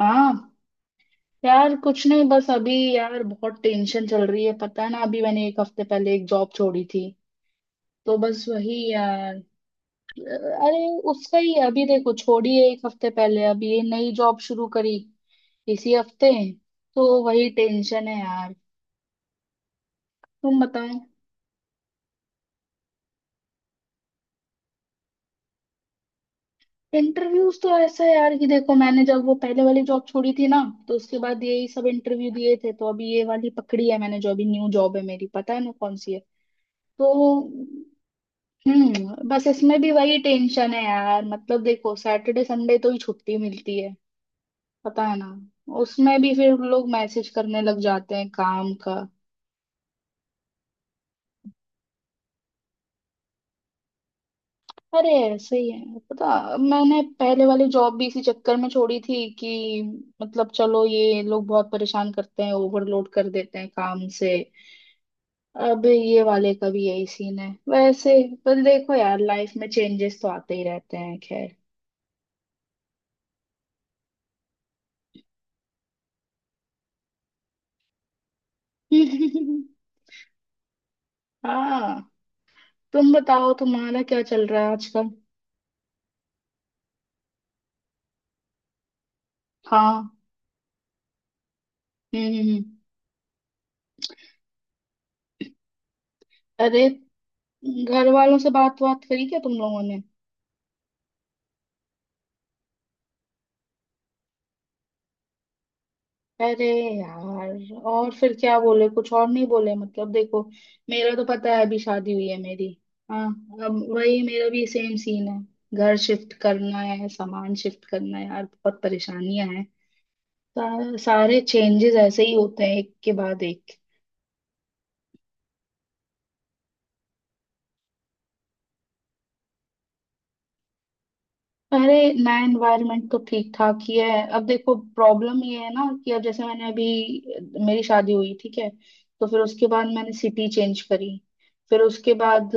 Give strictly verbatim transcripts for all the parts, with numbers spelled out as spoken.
हाँ। यार कुछ नहीं, बस अभी यार बहुत टेंशन चल रही है, पता है ना, अभी मैंने एक हफ्ते पहले एक जॉब छोड़ी थी, तो बस वही यार। अरे उसका ही है, अभी देखो छोड़ी है एक हफ्ते पहले, अभी ये नई जॉब शुरू करी इसी हफ्ते। तो वही टेंशन है यार। तुम बताओ। इंटरव्यूज तो ऐसा है यार कि देखो, मैंने जब वो पहले वाली जॉब छोड़ी थी ना, तो उसके बाद यही सब इंटरव्यू दिए थे, तो अभी ये वाली पकड़ी है मैंने, जो अभी न्यू जॉब है मेरी, पता है ना कौन सी है। तो हम्म बस इसमें भी वही टेंशन है यार, मतलब देखो सैटरडे संडे तो ही छुट्टी मिलती है, पता है ना। उसमें भी फिर लोग मैसेज करने लग जाते हैं काम का। अरे ऐसे ही है, पता, मैंने पहले वाली जॉब भी इसी चक्कर में छोड़ी थी कि मतलब चलो ये लोग बहुत परेशान करते हैं, ओवरलोड कर देते हैं काम से। अब ये वाले का भी यही सीन है वैसे। पर देखो यार, लाइफ में चेंजेस तो आते ही रहते हैं, खैर। हाँ, तुम बताओ तुम्हारा क्या चल रहा है आजकल। हाँ। हम्म हम्म, हम्म। अरे घर वालों से बात बात करी क्या तुम लोगों ने? अरे यार, और फिर क्या बोले, कुछ और नहीं बोले? मतलब देखो, मेरा तो पता है अभी शादी हुई है मेरी। हाँ। अब वही मेरा भी सेम सीन है। घर शिफ्ट करना है, सामान शिफ्ट करना है यार, बहुत परेशानियां हैं। सा- सारे चेंजेस ऐसे ही होते हैं, एक के बाद एक। अरे नया एनवायरनमेंट तो ठीक ठाक ही है। अब देखो, प्रॉब्लम ये है ना कि अब जैसे मैंने अभी मेरी शादी हुई, ठीक है, तो फिर उसके बाद मैंने सिटी चेंज करी, फिर उसके बाद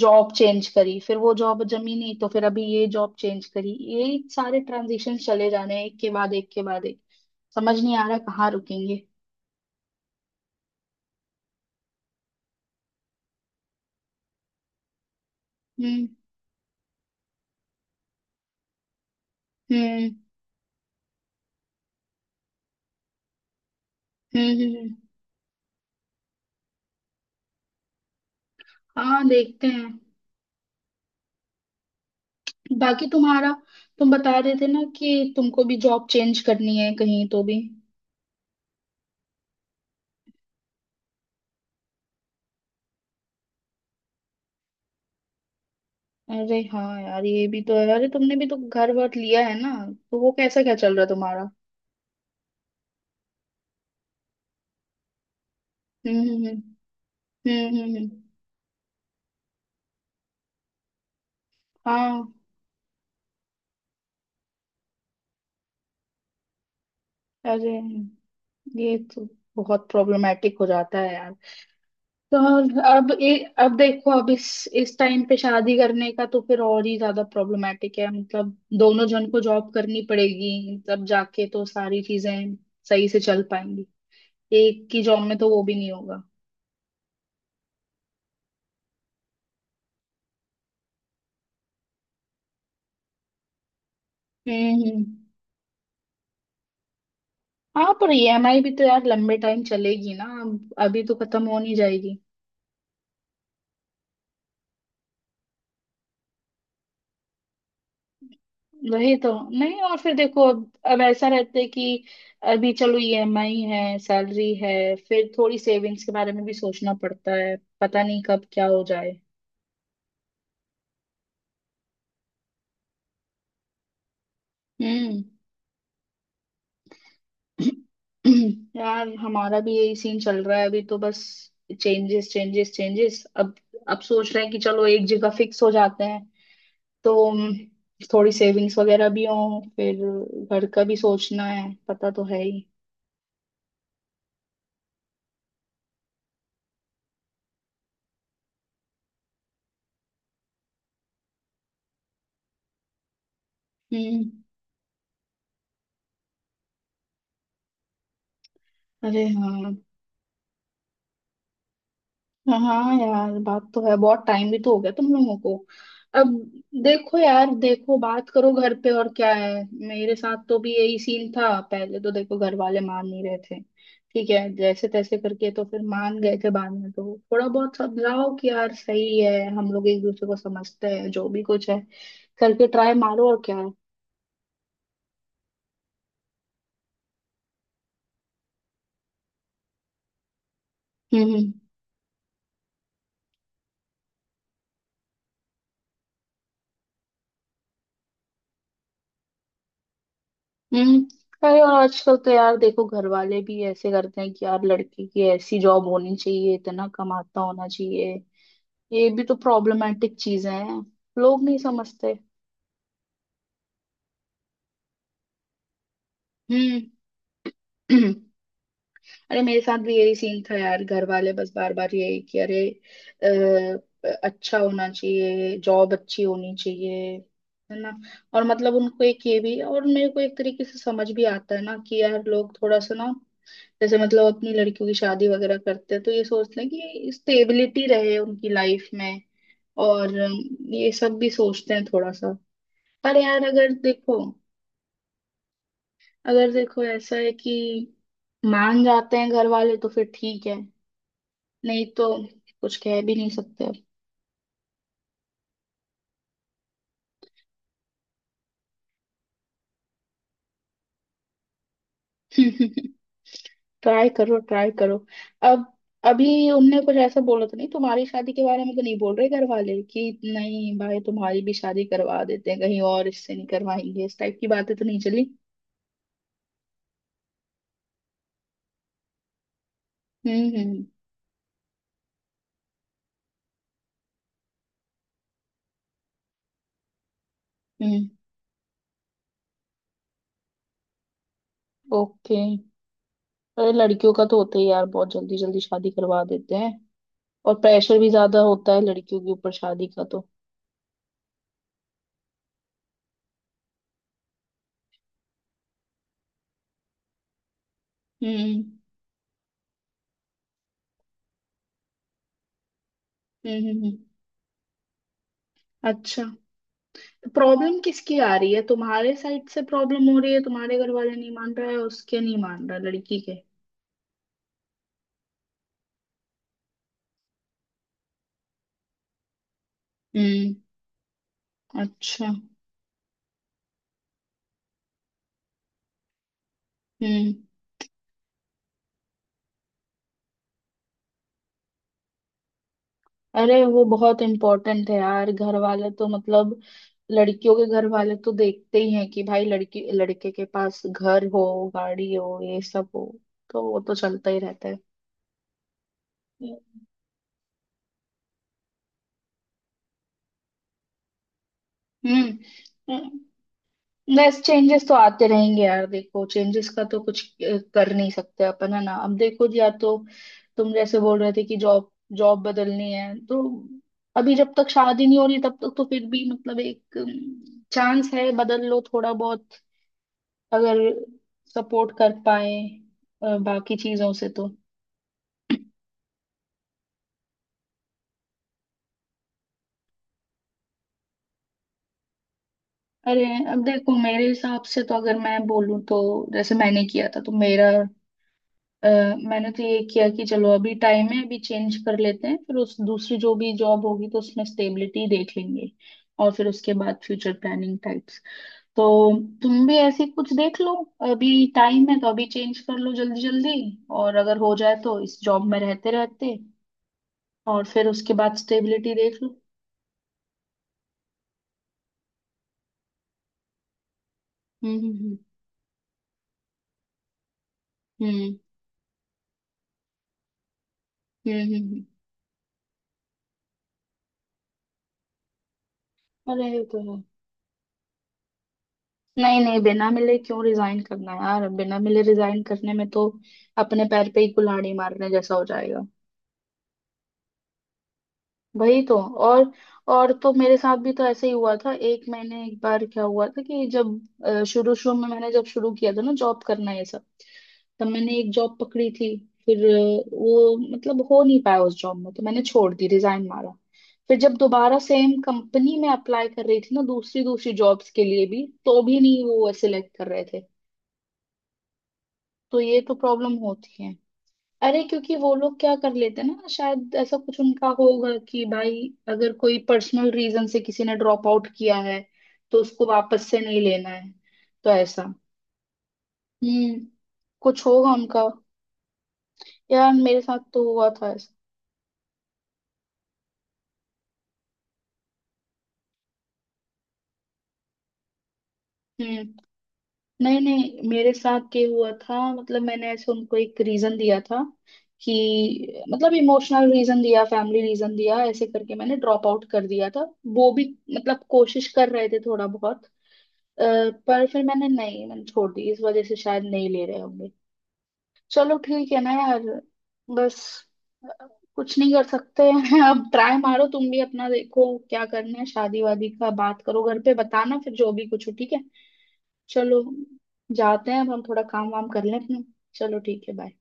जॉब चेंज करी, फिर वो जॉब जमी नहीं, तो फिर अभी ये जॉब चेंज करी। ये सारे ट्रांजिशन चले जाने हैं, एक के बाद एक के बाद एक। समझ नहीं आ रहा कहाँ रुकेंगे। हम्म हम्म हम्म हम्म, हम्म। हाँ, देखते हैं। बाकी तुम्हारा, तुम बता रहे थे ना कि तुमको भी जॉब चेंज करनी है कहीं तो भी। अरे हाँ यार, ये भी तो है। अरे तुमने भी तो घर वर लिया है ना, तो वो कैसा, क्या चल रहा है तुम्हारा? हम्म हम्म हम्म हम्म हम्म, हम्म। हाँ। अरे ये तो बहुत प्रॉब्लमेटिक हो जाता है यार। तो अब ए, अब देखो, अब इस इस टाइम पे शादी करने का तो फिर और ही ज्यादा प्रॉब्लमेटिक है, मतलब दोनों जन को जॉब करनी पड़ेगी तब जाके तो सारी चीजें सही से चल पाएंगी। एक की जॉब में तो वो भी नहीं होगा। हम्म हम्म। हाँ पर ईएमआई भी तो यार लंबे टाइम चलेगी ना, अब- अभी तो खत्म हो नहीं जाएगी। वही तो। नहीं, और फिर देखो, अब अब ऐसा रहता है कि अभी चलो ईएमआई है, सैलरी है, फिर थोड़ी सेविंग्स के बारे में भी सोचना पड़ता है, पता नहीं कब क्या हो जाए। हम्म। यार हमारा भी यही सीन चल रहा है अभी, तो बस। Changes changes changes. अब अब सोच रहे हैं कि चलो एक जगह फिक्स हो जाते हैं। तो अम, थोड़ी सेविंग्स वगैरह भी हो, फिर घर का भी सोचना है, पता तो है ही। हम्म। अरे हाँ हाँ यार, बात तो है, बहुत टाइम भी तो हो गया तुम लोगों को अब। देखो यार, देखो बात करो घर पे, और क्या है। मेरे साथ तो भी यही सीन था पहले, तो देखो घर वाले मान नहीं रहे थे। ठीक है, जैसे तैसे करके तो फिर मान गए थे बाद में, तो थोड़ा बहुत समझाओ कि यार सही है, हम लोग एक दूसरे को समझते हैं, जो भी कुछ है करके ट्राई मारो, और क्या है। हम्म हम्म। अरे और आजकल तो यार देखो, घर वाले भी ऐसे करते हैं कि यार लड़के की ऐसी जॉब होनी चाहिए, इतना कमाता होना चाहिए। ये भी तो प्रॉब्लमेटिक चीजें हैं। लोग नहीं समझते। हम्म। अरे मेरे साथ भी यही सीन था यार, घर वाले बस बार बार यही कि अरे अ, अच्छा होना चाहिए, जॉब अच्छी होनी चाहिए, है ना। और मतलब उनको एक ये भी, और मेरे को एक तरीके से समझ भी आता है ना कि यार, लोग थोड़ा सा ना, जैसे मतलब अपनी लड़कियों की शादी वगैरह करते हैं तो ये सोचते हैं कि स्टेबिलिटी रहे उनकी लाइफ में। और अम, ये सब भी सोचते हैं थोड़ा सा। पर यार अगर देखो अगर देखो, ऐसा है कि मान जाते हैं घर वाले तो फिर ठीक है, नहीं तो कुछ कह भी नहीं सकते अब। ट्राई करो ट्राई करो। अब अभी उनने कुछ ऐसा बोला तो नहीं, तुम्हारी शादी के बारे में तो नहीं बोल रहे घर वाले कि नहीं भाई तुम्हारी भी शादी करवा देते हैं कहीं और, इससे नहीं करवाएंगे, इस टाइप की बातें तो नहीं चली? हम्म हम्म हम्म। ओके। अरे लड़कियों का तो होता ही यार, बहुत जल्दी जल्दी शादी करवा देते हैं। और प्रेशर भी ज्यादा होता है लड़कियों के ऊपर शादी का तो। हम्म हम्म हम्म हम्म। अच्छा, तो प्रॉब्लम किसकी आ रही है, तुम्हारे साइड से प्रॉब्लम हो रही है, तुम्हारे घर वाले नहीं मान रहा है, उसके नहीं मान रहा लड़की के? हम्म। अच्छा। हम्म। अरे वो बहुत इम्पोर्टेंट है यार, घर वाले तो मतलब लड़कियों के घर वाले तो देखते ही हैं कि भाई, लड़की लड़के के पास घर हो, गाड़ी हो, ये सब हो, तो वो तो चलता ही रहता है। हम्म हम्म। बस चेंजेस तो आते रहेंगे यार, देखो चेंजेस का तो कुछ अ, कर नहीं सकते अपन, है ना। अब देखो जी, या तो तुम जैसे बोल रहे थे कि जॉब जॉब बदलनी है तो। अभी जब तक शादी नहीं हो रही तब तक तो फिर भी मतलब एक चांस है, बदल लो थोड़ा बहुत, अगर सपोर्ट कर पाए अ, बाकी चीजों से तो। अरे, अब देखो मेरे हिसाब से तो अगर मैं बोलूं तो जैसे मैंने किया था, तो मेरा अ, मैंने तो ये किया कि चलो अभी टाइम है, अभी चेंज कर लेते हैं, फिर उस दूसरी जो भी जॉब होगी तो उसमें स्टेबिलिटी देख लेंगे। और फिर उसके बाद फ्यूचर प्लानिंग टाइप्स। तो तुम भी ऐसी कुछ देख लो। अभी टाइम है तो अभी चेंज कर लो जल्दी जल्दी, और अगर हो जाए तो इस जॉब में रहते रहते, और फिर उसके बाद स्टेबिलिटी देख लो। हम्म हम्म, हम्म। हम्म हम्म हम्म हम्म। अरे ये तो है। नहीं नहीं, बिना मिले क्यों रिजाइन करना यार, बिना मिले रिजाइन करने में तो अपने पैर पे ही कुल्हाड़ी मारने जैसा हो जाएगा। वही तो। और और तो मेरे साथ भी तो ऐसे ही हुआ था, एक मैंने एक बार क्या हुआ था कि जब शुरू शुरू में मैंने जब शुरू किया था ना जॉब करना ये सब। तब मैंने एक जॉब पकड़ी थी। फिर अ, वो मतलब हो नहीं पाया उस जॉब में, तो मैंने छोड़ दी, रिजाइन मारा। फिर जब दोबारा सेम कंपनी में अप्लाई कर रही थी ना दूसरी दूसरी जॉब्स के लिए, भी तो भी नहीं वो सिलेक्ट कर रहे थे। तो ये तो प्रॉब्लम होती है। अरे क्योंकि वो लोग क्या कर लेते हैं ना, शायद ऐसा कुछ उनका होगा कि भाई, अगर कोई पर्सनल रीजन से किसी ने ड्रॉप आउट किया है तो उसको वापस से नहीं लेना है। तो ऐसा हम्म कुछ होगा उनका। यार मेरे साथ तो हुआ था ऐसा। हम्म। नहीं नहीं, मेरे साथ ये हुआ था मतलब, मैंने ऐसे उनको एक रीजन दिया था कि मतलब इमोशनल रीजन दिया, फैमिली रीजन दिया, ऐसे करके मैंने ड्रॉप आउट कर दिया था। वो भी मतलब कोशिश कर रहे थे थोड़ा बहुत अ, पर फिर मैंने नहीं, मैंने छोड़ दी, इस वजह से शायद नहीं ले रहे होंगे। चलो ठीक है ना यार। बस अ, कुछ नहीं कर सकते हैं। अब ट्राई मारो तुम भी अपना, देखो क्या करना है, शादी वादी का बात करो घर पे, बताना फिर जो भी कुछ हो, ठीक है। चलो, जाते हैं अब, हम थोड़ा काम वाम कर लें अपना। चलो ठीक है, बाय।